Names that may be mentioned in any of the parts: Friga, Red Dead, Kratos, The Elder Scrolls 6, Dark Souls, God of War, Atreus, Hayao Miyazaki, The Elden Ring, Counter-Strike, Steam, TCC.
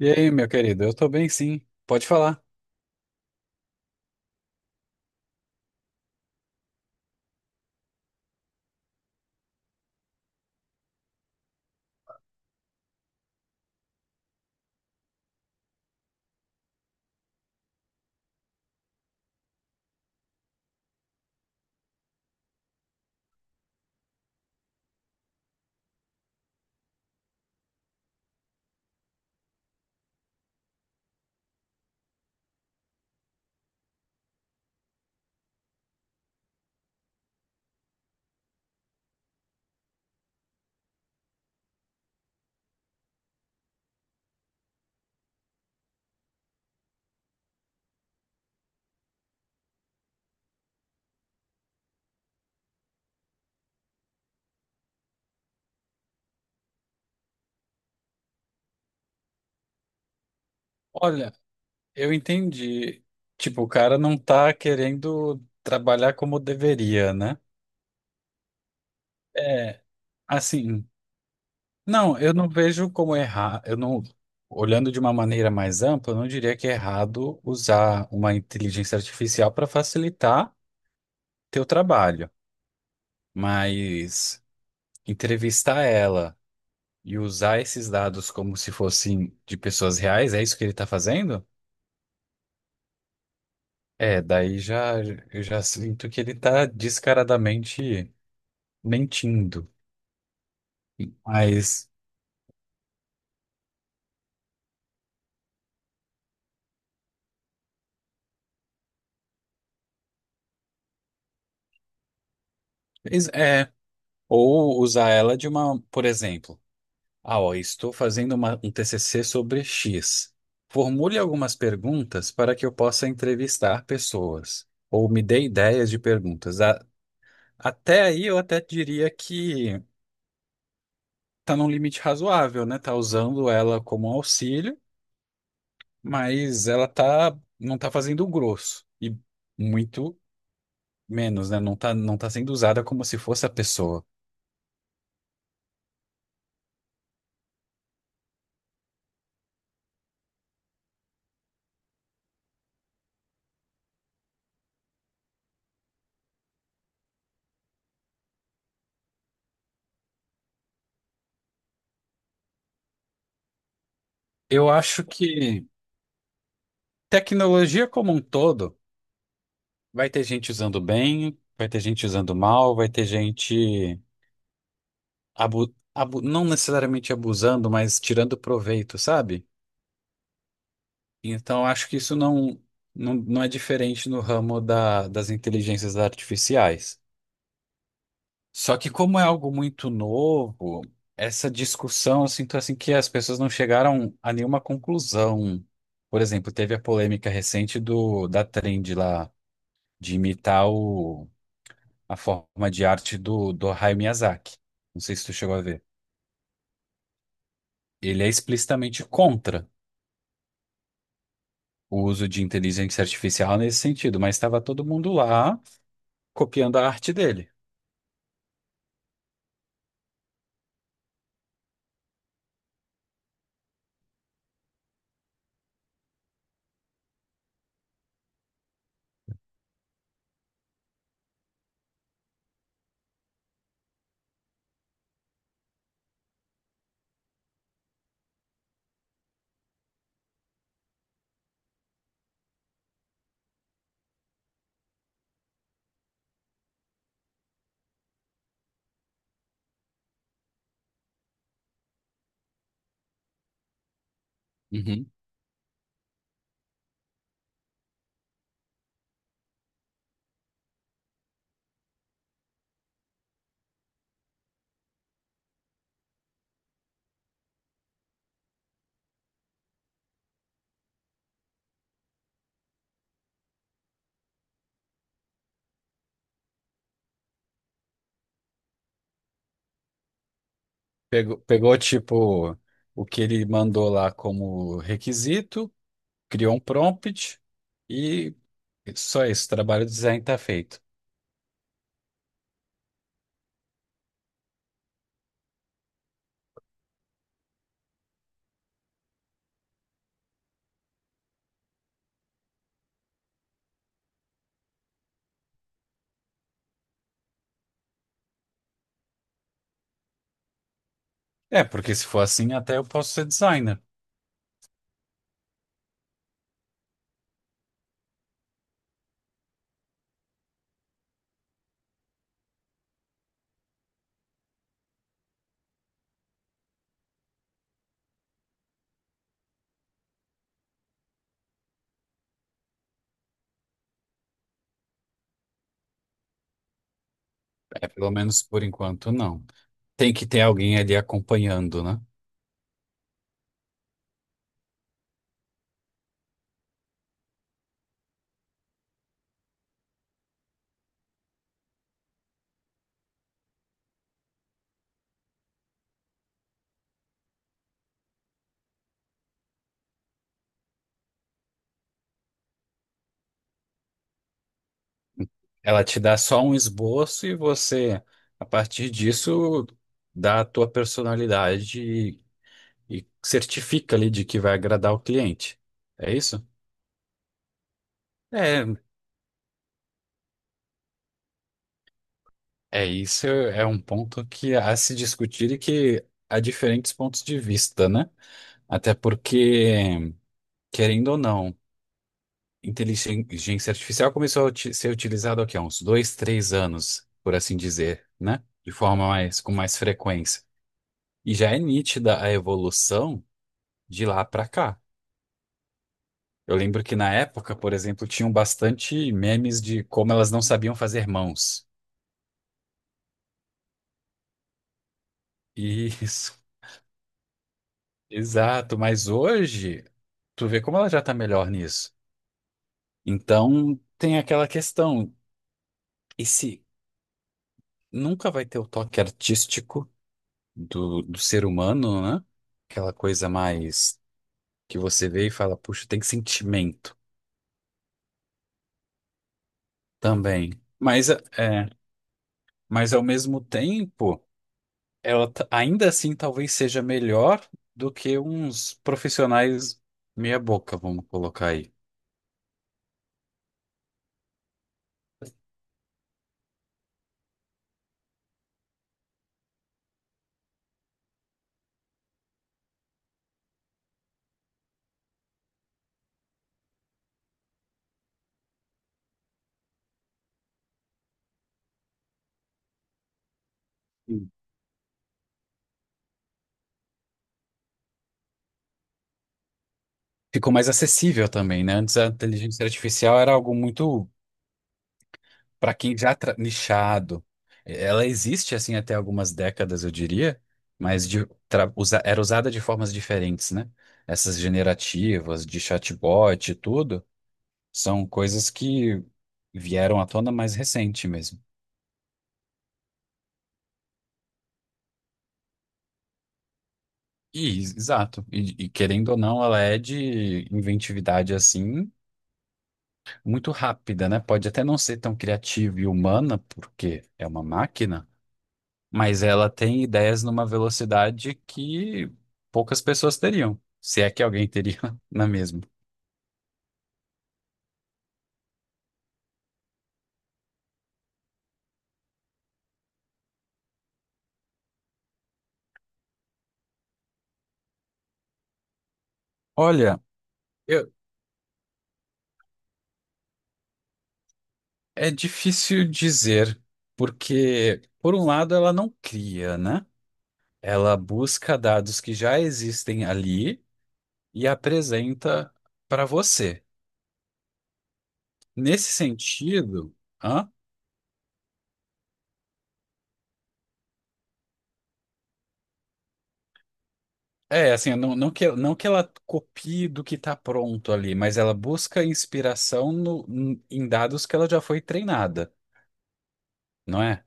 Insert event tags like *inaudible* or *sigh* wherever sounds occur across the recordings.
E aí, meu querido, eu tô bem sim. Pode falar. Olha, eu entendi. Tipo, o cara não tá querendo trabalhar como deveria, né? É, assim, não, eu não vejo como errar. Eu não, Olhando de uma maneira mais ampla, eu não diria que é errado usar uma inteligência artificial para facilitar teu trabalho, mas entrevistar ela e usar esses dados como se fossem de pessoas reais, é isso que ele está fazendo? É, daí já sinto que ele tá descaradamente mentindo. Mas é, ou usar ela de uma, por exemplo, ah, ó, estou fazendo um TCC sobre X. Formule algumas perguntas para que eu possa entrevistar pessoas, ou me dê ideias de perguntas. Até aí eu até diria que tá num limite razoável, né? Tá usando ela como auxílio, mas ela não tá fazendo o grosso. E muito menos, né? Não tá, não tá sendo usada como se fosse a pessoa. Eu acho que tecnologia como um todo vai ter gente usando bem, vai ter gente usando mal, vai ter gente não necessariamente abusando, mas tirando proveito, sabe? Então acho que não é diferente no ramo das inteligências artificiais. Só que como é algo muito novo, essa discussão, eu sinto assim que as pessoas não chegaram a nenhuma conclusão. Por exemplo, teve a polêmica recente do da Trend lá de imitar a forma de arte do Hayao Miyazaki. Não sei se tu chegou a ver. Ele é explicitamente contra o uso de inteligência artificial nesse sentido, mas estava todo mundo lá copiando a arte dele. Uhum. Pegou tipo o que ele mandou lá como requisito, criou um prompt e só esse trabalho de design está feito. É, porque se for assim, até eu posso ser designer. É, pelo menos por enquanto, não. Tem que ter alguém ali acompanhando, né? Ela te dá só um esboço e você, a partir disso, dá a tua personalidade e certifica ali de que vai agradar o cliente. É isso? É, é isso, é um ponto que há a se discutir e que há diferentes pontos de vista, né? Até porque, querendo ou não, inteligência artificial começou a ser utilizado aqui há uns dois, três anos, por assim dizer, né? De forma mais, com mais frequência. E já é nítida a evolução de lá para cá. Eu lembro que na época, por exemplo, tinham bastante memes de como elas não sabiam fazer mãos. Isso, *laughs* exato. Mas hoje, tu vê como ela já tá melhor nisso. Então, tem aquela questão, esse nunca vai ter o toque artístico do ser humano, né? Aquela coisa mais que você vê e fala, puxa, tem sentimento também. Mas, mas ao mesmo tempo, ela ainda assim talvez seja melhor do que uns profissionais meia boca, vamos colocar aí. Sim. Ficou mais acessível também, né? Antes a inteligência artificial era algo muito. Para quem já nichado, ela existe assim até algumas décadas, eu diria, mas era usada de formas diferentes, né? Essas generativas de chatbot e tudo são coisas que vieram à tona mais recente mesmo. E, exato. E querendo ou não, ela é de inventividade assim muito rápida, né? Pode até não ser tão criativa e humana, porque é uma máquina. Mas ela tem ideias numa velocidade que poucas pessoas teriam, se é que alguém teria *laughs* na mesma. Olha, eu- é difícil dizer, porque, por um lado, ela não cria, né? Ela busca dados que já existem ali e apresenta para você. Nesse sentido, hã? É, assim, não que ela copie do que está pronto ali, mas ela busca inspiração em dados que ela já foi treinada, não é?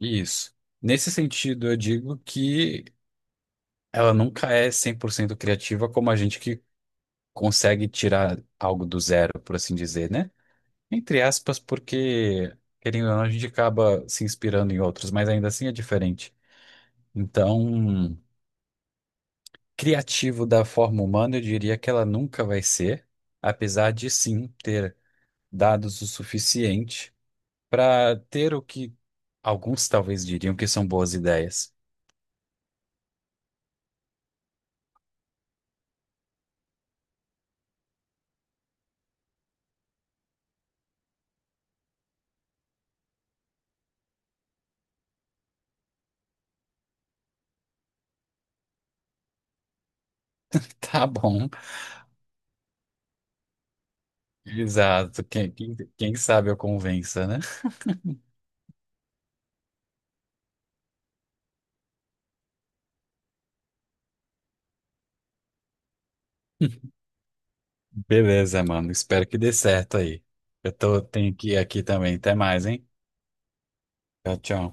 Isso. Nesse sentido, eu digo que ela nunca é 100% criativa como a gente que consegue tirar algo do zero, por assim dizer, né? Entre aspas, porque, querendo ou não, a gente acaba se inspirando em outros, mas ainda assim é diferente. Então, criativo da forma humana, eu diria que ela nunca vai ser, apesar de sim ter dados o suficiente para ter o que alguns talvez diriam que são boas ideias. *laughs* Tá bom. Exato. Quem sabe eu convença, né? Beleza, mano. Espero que dê certo aí. Tenho que ir aqui também. Até mais, hein? Tchau, tchau.